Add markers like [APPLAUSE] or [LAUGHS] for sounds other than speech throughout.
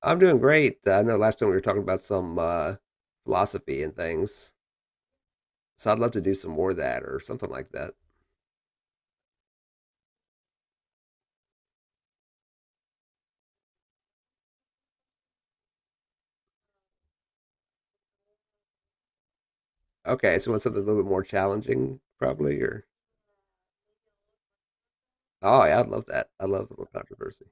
I'm doing great. I know last time we were talking about some philosophy and things, so I'd love to do some more of that or something like that. Okay, so you want something a little bit more challenging, probably, or oh yeah, I'd love that. I love a little controversy.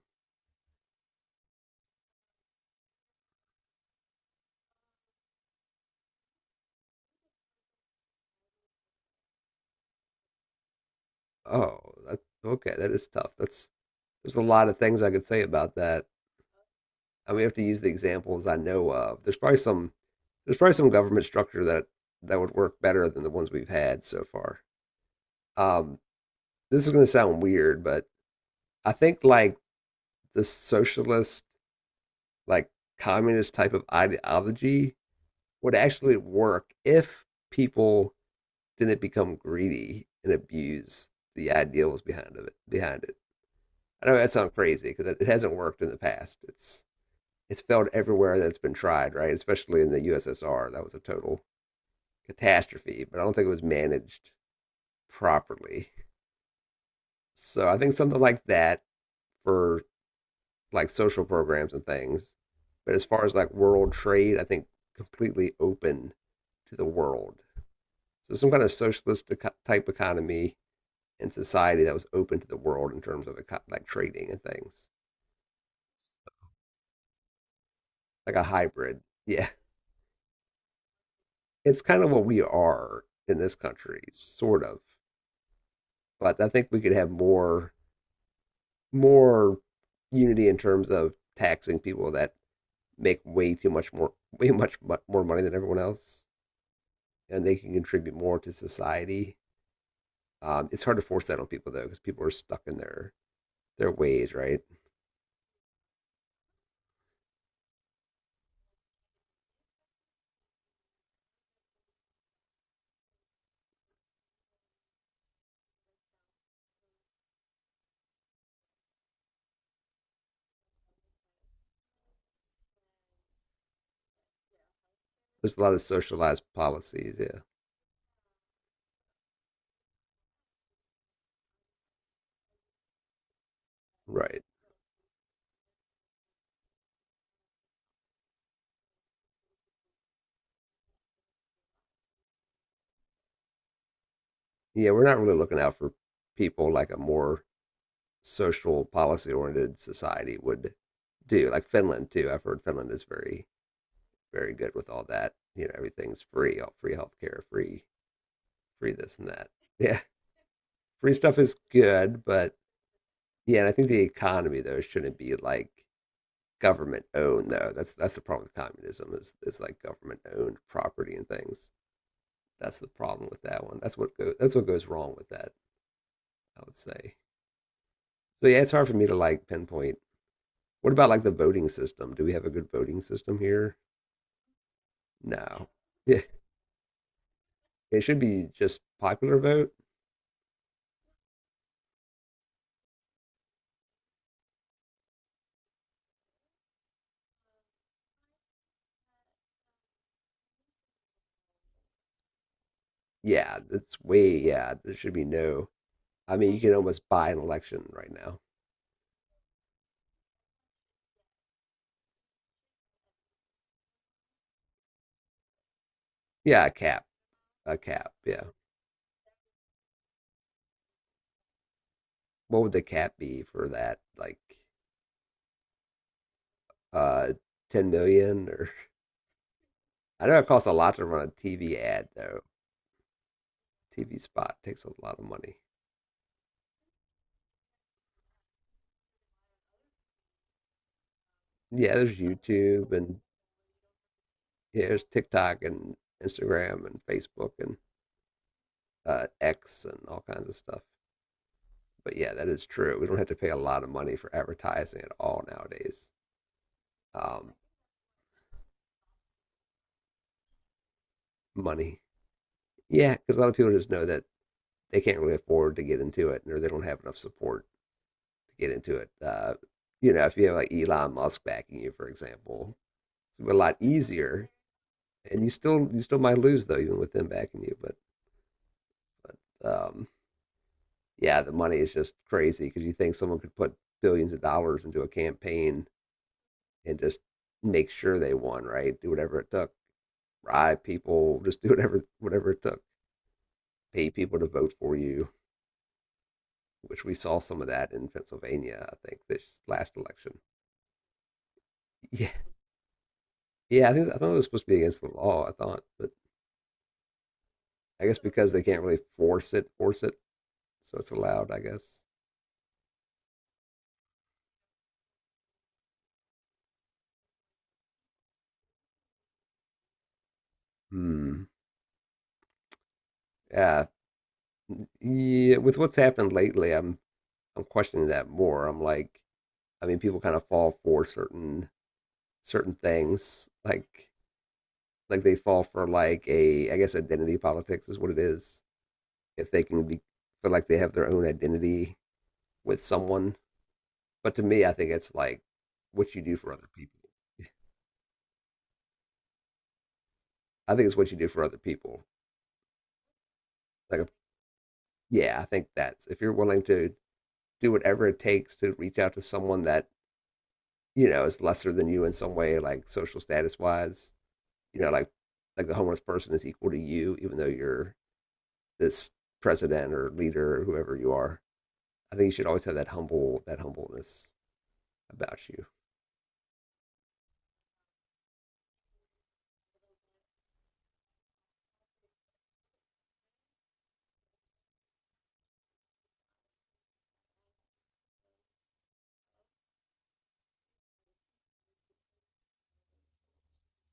Oh, that, okay, that is tough. That's There's a lot of things I could say about that. I mean, have to use the examples I know of. There's probably some government structure that would work better than the ones we've had so far. Um, this is going to sound weird, but I think like the socialist like communist type of ideology would actually work if people didn't become greedy and abuse the ideals behind it. I know that sounds crazy because hasn't worked in the past. It's failed everywhere that's been tried, right? Especially in the USSR, that was a total catastrophe. But I don't think it was managed properly. So I think something like that for like social programs and things. But as far as like world trade, I think completely open to the world. So some kind of socialist type economy and society that was open to the world in terms of like trading and things, like a hybrid. Yeah, it's kind of what we are in this country, sort of. But I think we could have more unity in terms of taxing people that make way too much more [LAUGHS] way much more money than everyone else and they can contribute more to society. It's hard to force that on people though, because people are stuck in their ways, right? There's a lot of socialized policies. Yeah, right. Yeah, we're not really looking out for people like a more social policy oriented society would do. Like Finland too. I've heard Finland is very very good with all that. You know, everything's free, all free healthcare, free this and that. Yeah, free stuff is good, but yeah, and I think the economy though shouldn't be like government owned though. That's the problem with communism is like government owned property and things. That's the problem with that one. That's what goes wrong with that. I would say. So yeah, it's hard for me to like pinpoint. What about like the voting system? Do we have a good voting system here? No. [LAUGHS] Yeah, it should be just popular vote. Yeah, that's way yeah. There should be no. I mean, you can almost buy an election right now. Yeah, a cap. Yeah. What would the cap be for that? Like, uh, 10 million or I know it costs a lot to run a TV ad though. TV spot takes a lot of money. Yeah, there's YouTube and yeah, there's TikTok and Instagram and Facebook and X and all kinds of stuff. But yeah, that is true. We don't have to pay a lot of money for advertising at all nowadays. Um, Money, yeah, because a lot of people just know that they can't really afford to get into it, or they don't have enough support to get into it. You know, if you have like Elon Musk backing you, for example, it's a lot easier and you still might lose though, even with them backing you. But um, yeah, the money is just crazy because you think someone could put billions of dollars into a campaign and just make sure they won, right? Do whatever it took, bribe people, just do whatever it took, pay people to vote for you. Which we saw some of that in Pennsylvania, I think, this last election. Yeah, yeah, I think I thought it was supposed to be against the law. I thought, but I guess because they can't really force it, so it's allowed. I guess. Hmm. Yeah, Yeah, with what's happened lately, I'm questioning that more. I'm like, I mean, people kind of fall for certain things, like they fall for I guess identity politics is what it is. If they can be feel like they have their own identity with someone, but to me, I think it's like what you do for other people. I think it's what you do for other people. Like, yeah, I think that's if you're willing to do whatever it takes to reach out to someone that you know is lesser than you in some way, like social status wise you know, like the homeless person is equal to you, even though you're this president or leader or whoever you are. I think you should always have that humbleness about you.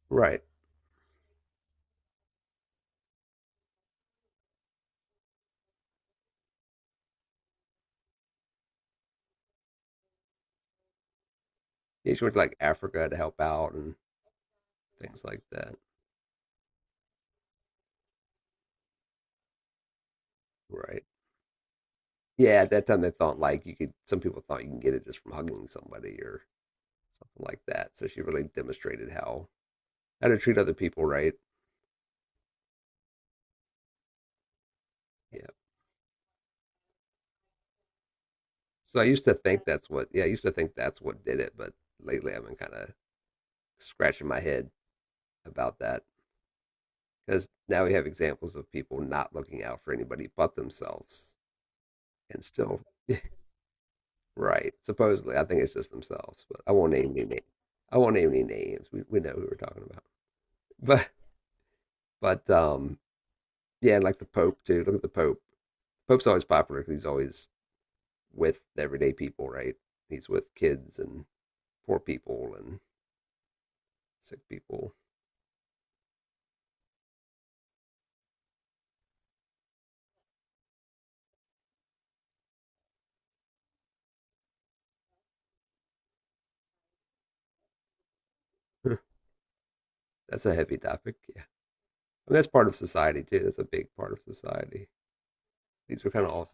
Right. Yeah, she went to like Africa to help out and things like that. Right. Yeah, at that time they thought like you could some people thought you can get it just from hugging somebody or something like that. So she really demonstrated how to treat other people, right? Yeah. So I used to think that's what yeah, I used to think that's what did it, but lately I've been kinda scratching my head about that. Because now we have examples of people not looking out for anybody but themselves and still [LAUGHS] right supposedly I think it's just themselves but I won't name any [LAUGHS] names I won't name any names we know who we're talking about [LAUGHS] but but yeah and like the pope too look at the pope pope's always popular because he's always with everyday people right he's with kids and poor people and sick people [LAUGHS] that's a heavy topic yeah I mean, that's part of society too that's a big part of society these are kind of all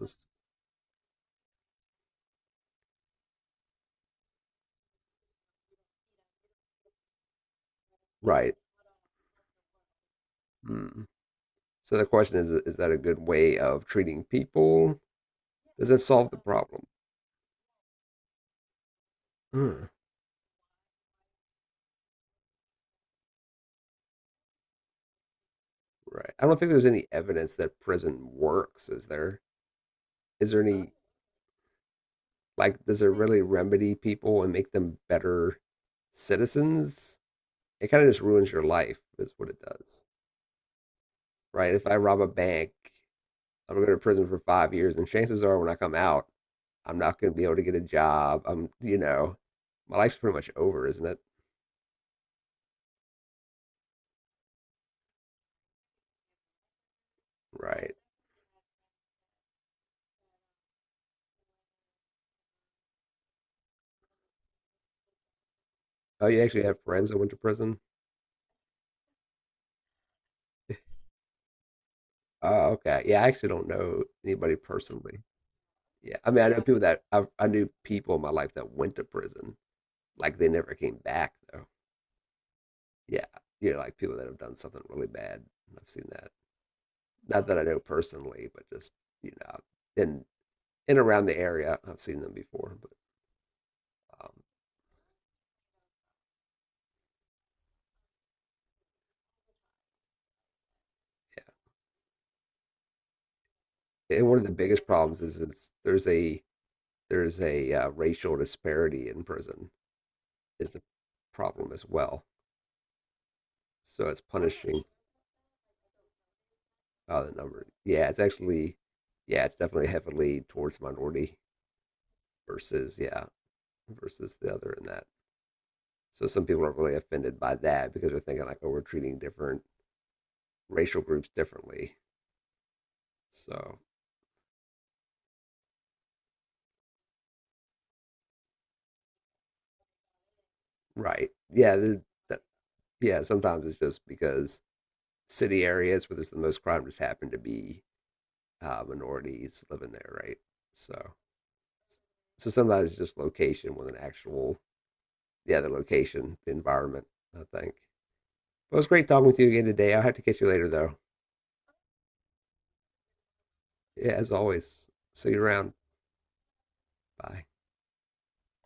right. Hmm. So the question is that a good way of treating people? Does it solve the problem? Mm. Right. I don't think there's any evidence that prison works. Is there? Is there any like? Does it really remedy people and make them better citizens? It kind of just ruins your life, is what it does. Right. If I rob a bank, I'm gonna go to prison for 5 years, and chances are, when I come out, I'm not gonna be able to get a job. I'm, you know, my life's pretty much over, isn't it? Right. Oh, you actually have friends that went to prison? Oh, okay. Yeah, I actually don't know anybody personally. Yeah, I mean, I know. Yeah. People that I knew people in my life that went to prison, like they never came back though. Yeah, you know, like people that have done something really bad. I've seen that. Not that I know personally, but just you know, in in around the area, I've seen them before. But um, and one of the biggest problems is there's a there's a racial disparity in prison is the problem as well. So it's Oh, punishing Oh, the number. Yeah, it's actually, yeah, it's definitely heavily towards minority versus, yeah, versus the other in that. So some people are really offended by that because they're thinking like, oh, we're treating different racial groups differently. So, right. That, yeah. Sometimes it's just because city areas where there's the most crime just happen to be minorities living there, right? So, so sometimes it's just location with an actual, yeah, the location, the environment, I think. Well, it was great talking with you again today. I'll have to catch you later, though. Yeah, as always, see you around. Bye.